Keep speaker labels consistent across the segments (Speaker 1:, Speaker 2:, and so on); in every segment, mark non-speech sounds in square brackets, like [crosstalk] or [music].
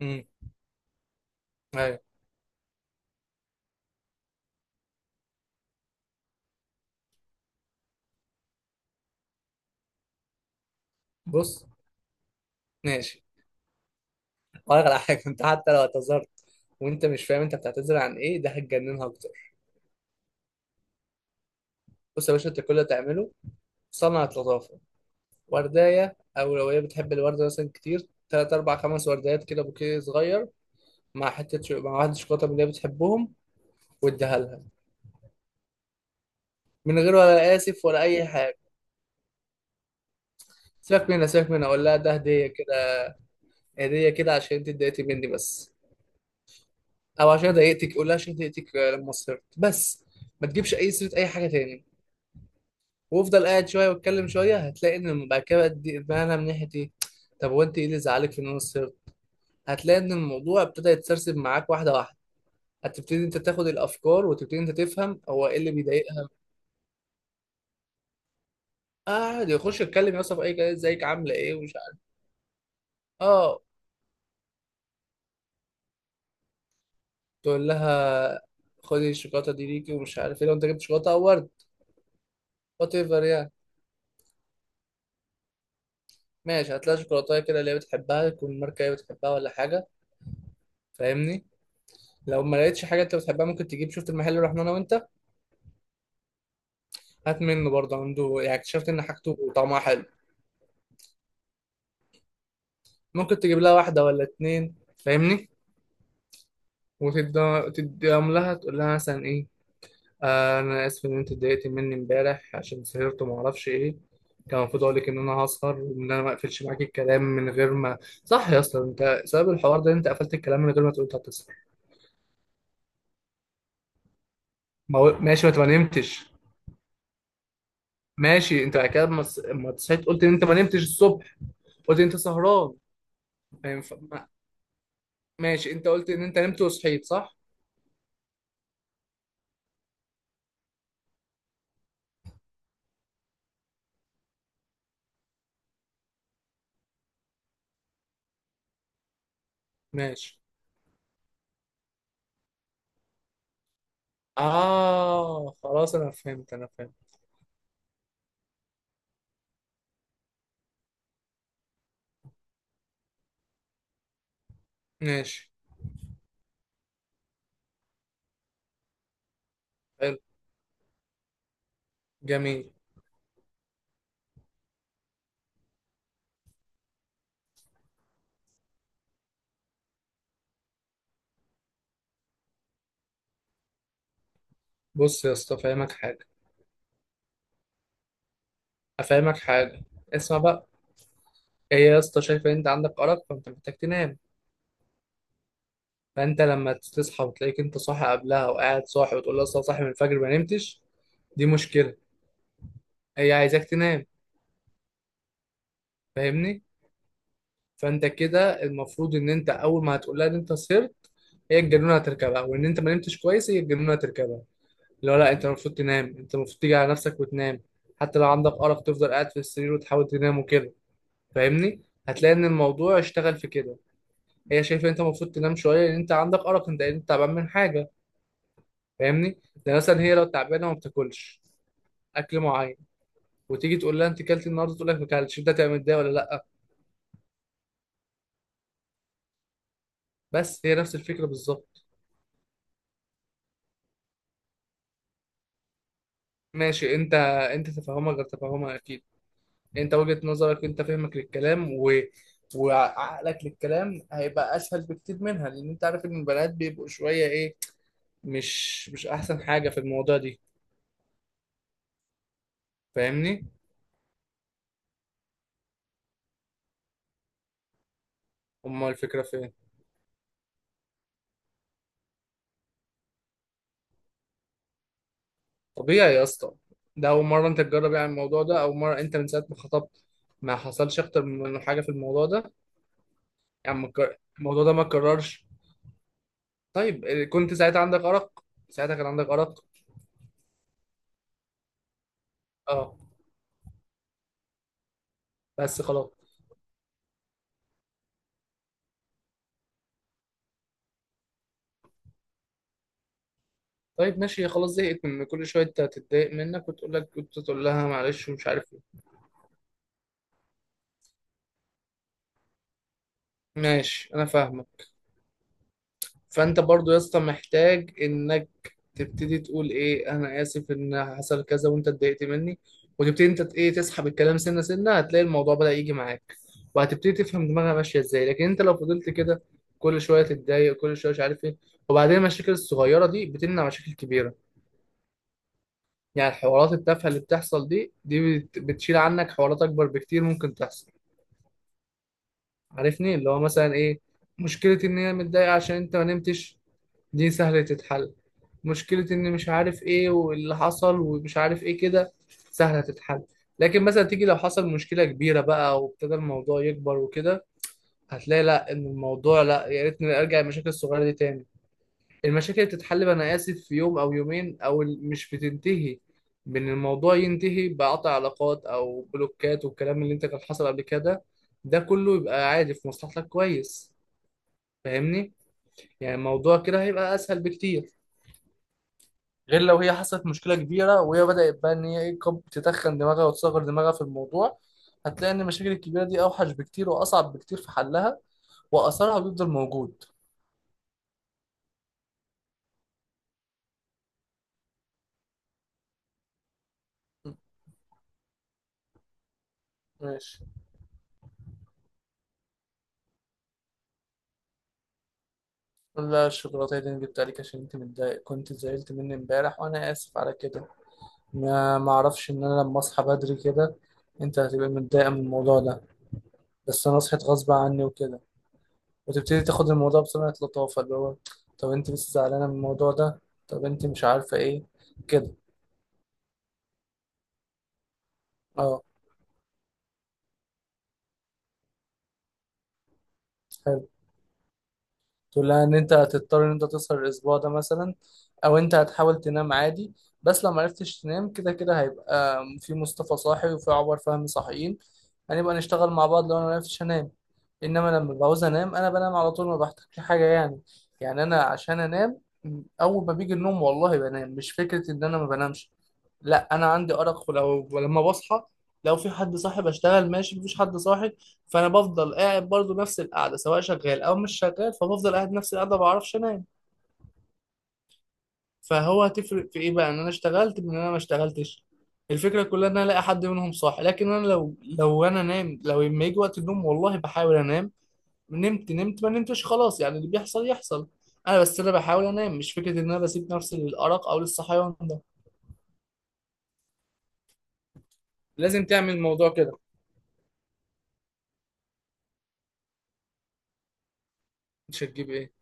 Speaker 1: امم ايوه. بص، ماشي. هقولك على حاجه. [laughs] انت حتى لو اعتذرت وانت مش فاهم انت بتعتذر عن ايه، ده هتجننها اكتر. بص يا باشا، انت كل اللي تعمله صنعة لطافه وردايه، او لو هي بتحب الورده مثلا كتير، 3 4 5 وردات كده، بوكيه صغير، مع مع واحده شوكولاته من اللي هي بتحبهم، واديها لها من غير ولا اسف ولا اي حاجه. سيبك منها، سيبك منها، اقول لها ده هديه كده. هديه كده عشان انت اتضايقتي مني بس، او عشان ضايقتك. قول لها عشان ضايقتك لما صرت بس. ما تجيبش اي سيره اي حاجه تاني، وافضل قاعد شويه واتكلم شويه. هتلاقي ان بعد كده بقى بقى انا من ناحيه ايه. طب هو انت ايه اللي زعلك في ان انا قصرت. هتلاقي ان الموضوع ابتدى يتسرسب معاك واحده واحده. هتبتدي انت تاخد الافكار وتبتدي انت تفهم هو ايه اللي بيضايقها. قاعد يخش يتكلم يوصف اي كلام، ازيك عامله ايه ومش عارف اه تقول لها خدي الشوكولاته دي ليكي ومش عارف ايه. لو انت جبت شوكولاته او ورد، وات ايفر يعني، ماشي. هتلاقي شوكولاته كده اللي هي بتحبها، تكون ماركه هي بتحبها ولا حاجه، فاهمني. لو ما لقيتش حاجه انت بتحبها، ممكن تجيب، شفت المحل اللي رحنا انا وانت، هات منه برضه، عنده يعني اكتشفت ان حاجته طعمها حلو. ممكن تجيب لها واحده ولا اتنين فاهمني. وتديهم لها، تقول لها مثلا ايه، آه انا اسف ان انت اتضايقت مني امبارح عشان سهرت وما اعرفش ايه. كان المفروض اقول لك ان انا هسهر وان انا ما اقفلش معاك الكلام من غير ما، صح يا اسطى، انت سبب الحوار ده إن انت قفلت الكلام من غير ما تقول انت هتسهر. ما هو- ماشي، ما انت ما نمتش. ماشي، انت بعد كده ما صحيت قلت ان انت ما نمتش الصبح. قلت انت سهران. ما ينفع- ما- ماشي، انت قلت ان انت نمت وصحيت صح. ماشي. آه خلاص، أنا فهمت أنا فهمت. ماشي، حلو، جميل. بص يا اسطى، أفهمك حاجة. أفهمك حاجة، اسمع بقى. هي يا اسطى شايفة إن أنت عندك أرق، فأنت محتاج تنام. فأنت لما تصحى وتلاقيك أنت صاحي قبلها وقاعد صاحي، وتقول لها أصل أنا صاحي من الفجر ما نمتش، دي مشكلة. هي عايزاك تنام، فاهمني. فأنت كده المفروض إن أنت أول ما هتقول لها إن أنت سهرت، هي الجنونة هتركبها. وإن أنت ما نمتش كويس، هي الجنونة هتركبها. اللي هو لا، انت المفروض تنام، انت المفروض تيجي على نفسك وتنام. حتى لو عندك ارق، تفضل قاعد في السرير وتحاول تنام وكده، فاهمني. هتلاقي ان الموضوع اشتغل في كده. هي شايفه انت المفروض تنام شويه لان انت عندك ارق، انت تعبان من حاجه. فاهمني. ده مثلا هي لو تعبانه ما بتاكلش اكل معين، وتيجي تقول لها انت كلت النهارده، تقول لك ما كلتش، انت تعمل ده ولا لا؟ بس هي نفس الفكره بالظبط. ماشي انت تفهمها غير تفهمها اكيد. انت وجهة نظرك، انت فهمك للكلام وعقلك للكلام هيبقى اسهل بكتير منها، لان انت عارف ان البنات بيبقوا شوية ايه، مش احسن حاجة في الموضوع دي. فاهمني. امال الفكرة فين؟ طبيعي يا اسطى، ده اول مرة انت تجرب يعني الموضوع ده، او مرة انت من ساعة ما خطبت ما حصلش اكتر من حاجة في الموضوع ده. يعني ما اتكر- الموضوع ده ما اتكررش. طيب، كنت ساعتها عندك ارق؟ ساعتها كان عندك ارق؟ اه. بس خلاص. طيب ماشي، خلاص زهقت من كل شويه تتضايق منك وتقول لك كنت تقول لها معلش ومش عارف ايه. ماشي، انا فاهمك. فانت برضو يا اسطى محتاج انك تبتدي تقول ايه، انا اسف ان حصل كذا وانت اتضايقت مني. وتبتدي انت ايه، تسحب الكلام سنه سنه. هتلاقي الموضوع بدأ يجي معاك، وهتبتدي تفهم دماغها ماشيه ازاي. لكن انت لو فضلت كده، كل شويه تتضايق، كل شويه مش عارف ايه. وبعدين المشاكل الصغيره دي بتمنع مشاكل كبيره. يعني الحوارات التافهه اللي بتحصل دي، بتشيل عنك حوارات اكبر بكتير ممكن تحصل. عارفني، اللي هو مثلا ايه، مشكلة ان هي متضايقة عشان انت ما نمتش، دي سهلة تتحل. مشكلة ان مش عارف ايه واللي حصل ومش عارف ايه كده، سهلة تتحل. لكن مثلا تيجي لو حصل مشكلة كبيرة بقى وابتدى الموضوع يكبر وكده، هتلاقي لا ان الموضوع، لا يا ريتني ارجع المشاكل الصغيرة دي تاني. المشاكل بتتحل انا اسف في يوم او يومين او مش بتنتهي، بان الموضوع ينتهي بقطع علاقات او بلوكات، والكلام اللي انت كان حصل قبل كده ده كله يبقى عادي. في مصلحتك كويس، فاهمني. يعني الموضوع كده هيبقى اسهل بكتير، غير لو هي حصلت مشكلة كبيرة وهي بدأت بقى ان هي إيه، تتخن دماغها وتصغر دماغها في الموضوع. هتلاقي ان المشاكل الكبيرة دي اوحش بكتير واصعب بكتير في حلها، واثرها بيفضل موجود. م- ماشي. لا، الشوكولاتة دي أنا جبتها لك عشان أنت متضايق، كنت زعلت مني امبارح وأنا آسف على كده. ما معرفش إن أنا لما أصحى بدري كده أنت هتبقى متضايقة من الموضوع ده، بس أنا صحيت غصب عني وكده. وتبتدي تاخد الموضوع بصنعة لطافة اللي هو، طب أنت لسه زعلانة من الموضوع ده؟ طب أنت مش عارفة إيه كده. أه، حلو. تقول لها ان انت هتضطر ان انت تسهر الاسبوع ده مثلا، او انت هتحاول تنام عادي. بس لو معرفتش تنام، كده كده هيبقى في مصطفى صاحي وفي عمر فهمي صاحيين. هنبقى نشتغل مع بعض لو انا معرفتش انام. انما لما بعوز انام، انا بنام على طول، ما بحتاجش حاجه يعني. يعني انا عشان انام، اول ما بيجي النوم والله بنام، مش فكره ان انا ما بنامش. لا، انا عندي ارق، ولو ولما بصحى لو في حد صاحي بشتغل، ماشي. مفيش حد صاحي فانا بفضل قاعد، برضو نفس القعده سواء شغال او مش شغال. فبفضل قاعد نفس القعده، ما بعرفش انام. فهو هتفرق في ايه بقى ان انا اشتغلت من ان انا ما اشتغلتش؟ الفكره كلها ان انا الاقي حد منهم صاحي. لكن انا لو انا نام، لو لما يجي وقت النوم والله بحاول انام. نمت نمت، ما نمتش خلاص، يعني اللي بيحصل يحصل. انا بس انا بحاول انام، مش فكره ان انا بسيب نفسي للارق او للصحيان ده. لازم تعمل الموضوع كده. مش هتجيب ايه؟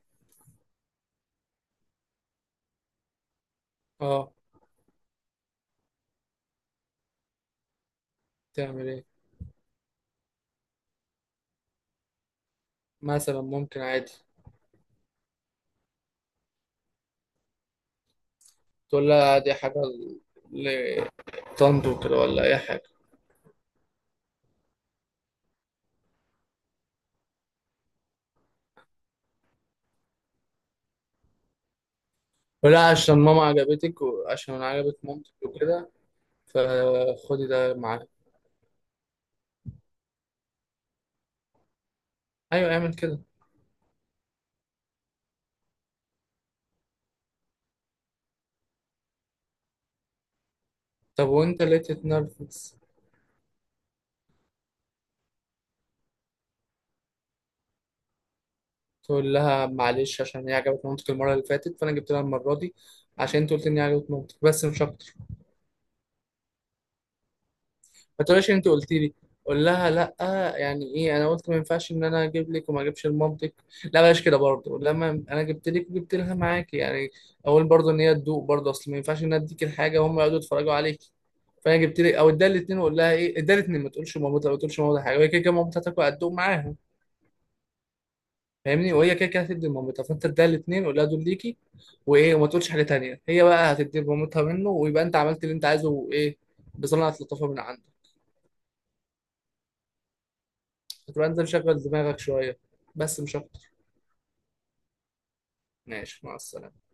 Speaker 1: اه تعمل ايه؟ مثلا ممكن، عادي. تقول لها دي حاجه طنط كده ولا اي حاجه، ولا عشان ماما عجبتك وعشان انا عجبت مامتك وكده، فخدي ده معاك. ايوه اعمل كده. طب وانت ليه تتنرفز؟ تقول لها معلش عشان هي عجبت مامتك المره اللي فاتت، فانا جبت لها المره دي عشان انت قلت اني عجبت مامتك، بس مش اكتر. ما تقولش انت قلت لي. قول لها لا، يعني ايه انا قلت ما ينفعش ان انا اجيب لك وما اجيبش لمامتك. لا بلاش كده برضه، لما انا جبت لك وجبت لها معاكي يعني. اقول برضه ان هي تدوق برضه، اصل ما ينفعش ان انا اديك الحاجه وهم يقعدوا يتفرجوا عليك. فانا جبت لك، او اديها الاثنين وقول لها ايه، اديها الاثنين، ما تقولش مامتها، ما تقولش مامتها حاجه، وهي كده كده مامتها هتاكل هتدوق معاها، فاهمني. وهي كده كده هتدي لمامتها، فانت اديها الاثنين قول لها دول ليكي وايه، وما تقولش حاجه تانيه. هي بقى هتدي لمامتها منه، ويبقى انت عملت اللي انت عايزه، وايه، بصنعة لطافه من عندك. تبقى انت مشغل دماغك شوية، بس مش اكتر. ماشي، مع السلامة.